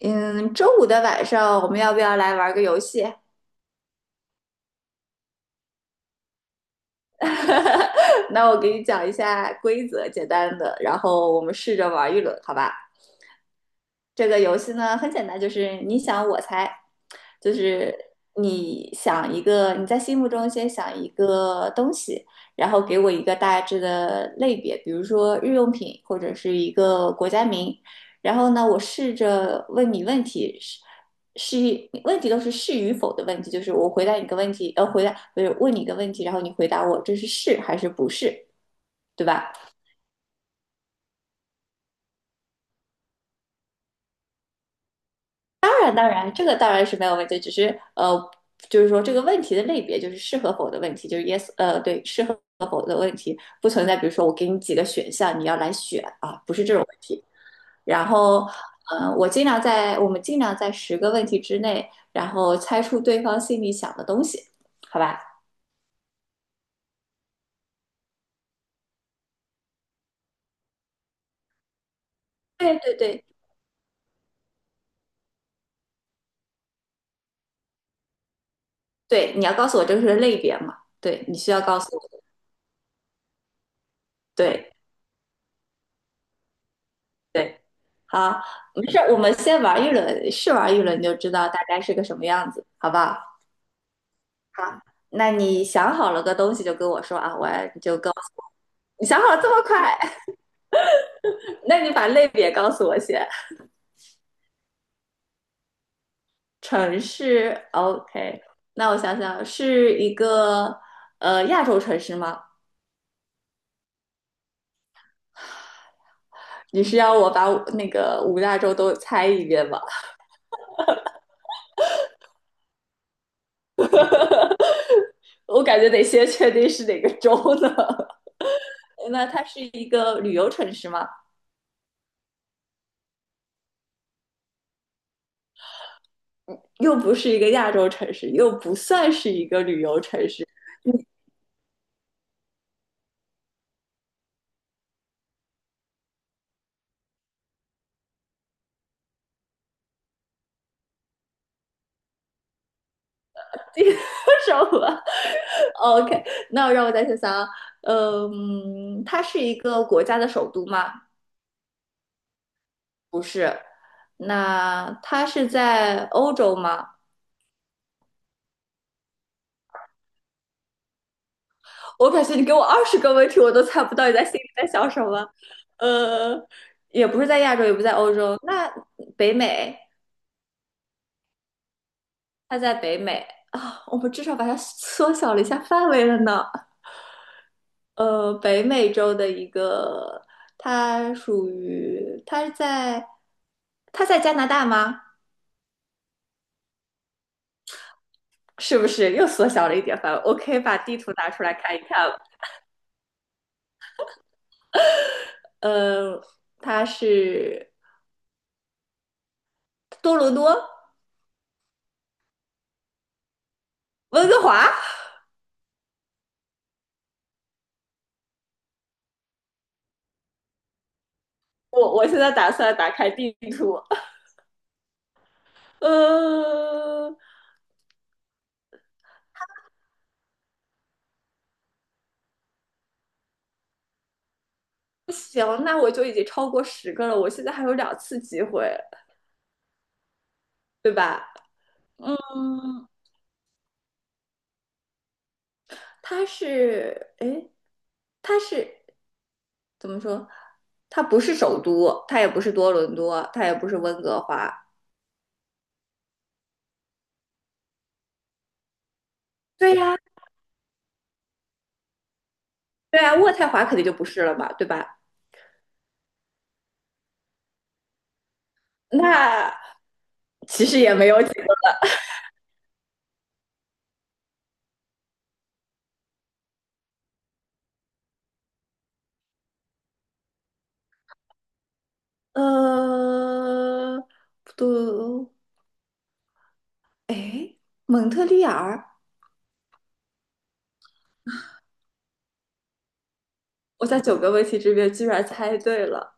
嗯，周五的晚上我们要不要来玩个游戏？那我给你讲一下规则，简单的，然后我们试着玩一轮，好吧？这个游戏呢很简单，就是你想我猜，就是你想一个，你在心目中先想一个东西，然后给我一个大致的类别，比如说日用品或者是一个国家名，然后呢，我试着问你问题，是问题都是是与否的问题，就是我回答你个问题，回答不是问你一个问题，然后你回答我这是是还是不是，对吧？当然，当然，这个当然是没有问题，只是就是说这个问题的类别就是适合否的问题，就是 yes，对，适合不存在。比如说我给你几个选项，你要来选啊，不是这种问题。然后，我尽量在我们尽量在十个问题之内，然后猜出对方心里想的东西，好吧？对对对对，你要告诉我这个是类别嘛？对，你需要告诉我。对对，好，没事儿，我们先玩一轮，试玩一轮就知道大概是个什么样子，好不好？好，那你想好了个东西就跟我说啊，我你就告诉我你想好了这么快？那你把类别告诉我先。城市，OK。那我想想，是一个亚洲城市吗？你是要我把那个五大洲都猜一遍吗？我感觉得先确定是哪个州呢。那它是一个旅游城市吗？又不是一个亚洲城市，又不算是一个旅游城市。第什么 ？OK，那让我再想想啊，它是一个国家的首都吗？不是。那它是在欧洲吗？我感觉你给我20个问题，我都猜不到你在心里在想什么。呃，也不是在亚洲，也不在欧洲，那北美，它在北美啊，我们至少把它缩小了一下范围了呢。北美洲的一个，它属于它在加拿大吗？是不是又缩小了一点范围我可以把地图拿出来看一看。呃，它是多伦多、温哥华。我现在打算打开地图。呃，行，那我就已经超过十个了。我现在还有两次机会，对吧？嗯，它是，诶，它是。怎么说？它不是首都，它也不是多伦多，它也不是温哥华。对呀、啊对呀、啊渥太华肯定就不是了嘛，对吧？那其实也没有几个，呃，不对哦，哎，蒙特利尔，我在九个问题这边居然猜对了，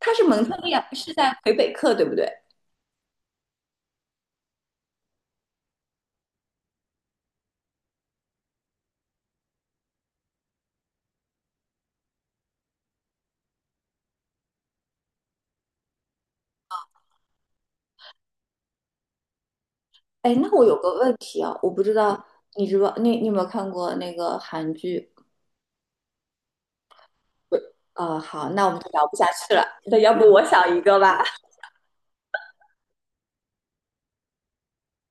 它是蒙特利尔，是在魁北克，对不对？哎，那我有个问题啊，我不知道你知不，你有没有看过那个韩剧？不，啊、好，那我们就聊不下去了。那要不我想一个吧。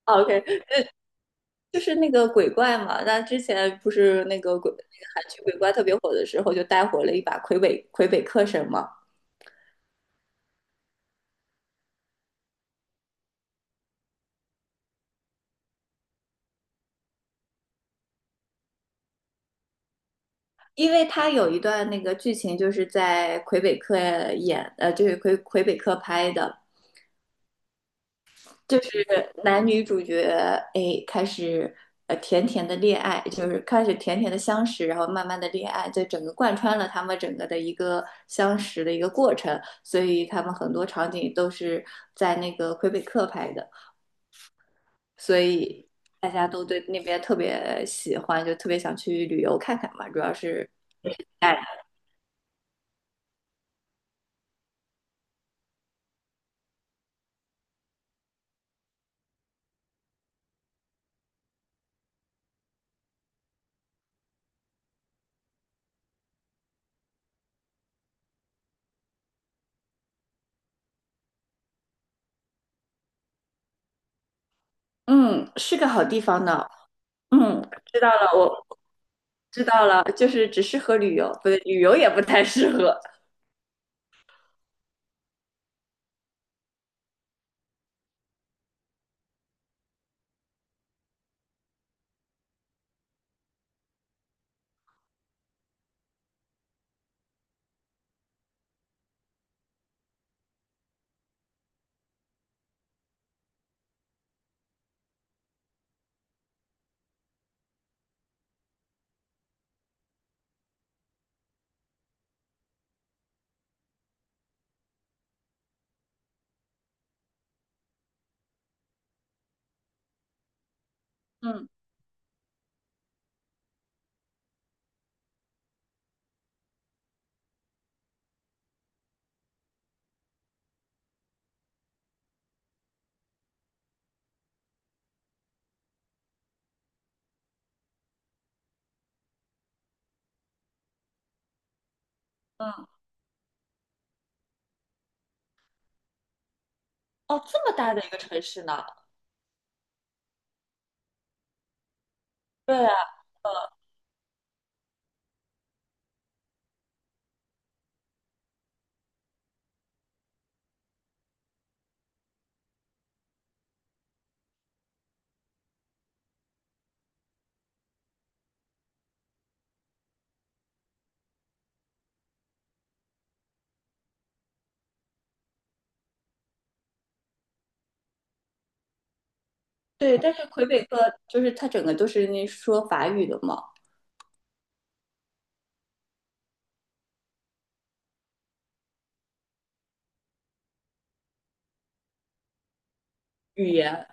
啊 OK，就是那个鬼怪嘛，那之前不是那个鬼，那个韩剧鬼怪特别火的时候，就带火了一把魁北克神嘛，因为他有一段那个剧情就是在魁北克演，就是魁北克拍的，就是男女主角哎开始甜甜的恋爱，就是开始甜甜的相识，然后慢慢的恋爱，这整个贯穿了他们整个的一个相识的一个过程，所以他们很多场景都是在那个魁北克拍的。所以大家都对那边特别喜欢，就特别想去旅游看看嘛。主要是，哎，嗯，是个好地方呢。嗯，知道了，我知道了，就是只适合旅游，不对，旅游也不太适合。嗯嗯，哦，这么大的一个城市呢？对啊，呃，对，但是魁北克就是它整个都是那说法语的嘛，语言，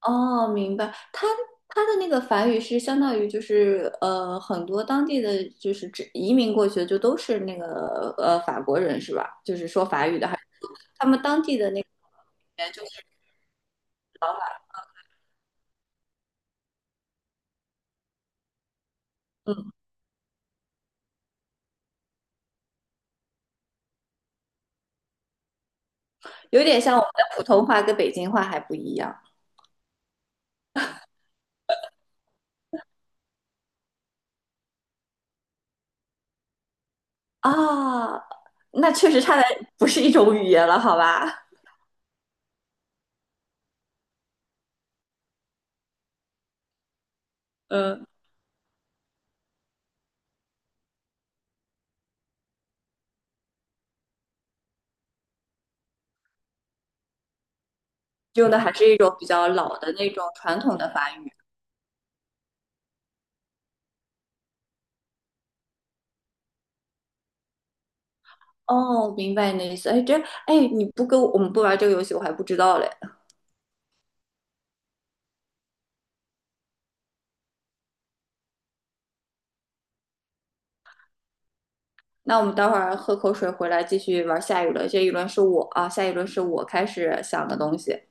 哦，明白。他他的那个法语是相当于就是很多当地的就是指移民过去的就都是那个法国人是吧？就是说法语的，还他们当地的那个语言就是老法，嗯，有点像我们的普通话跟北京话还不一样啊。那确实差的不是一种语言了，好吧？嗯，用的还是一种比较老的那种传统的法语。哦，明白你的意思。哎，这你不跟我我们不玩这个游戏，我还不知道嘞。那我们待会儿喝口水回来继续玩下一轮，这一轮是我啊，下一轮是我开始想的东西。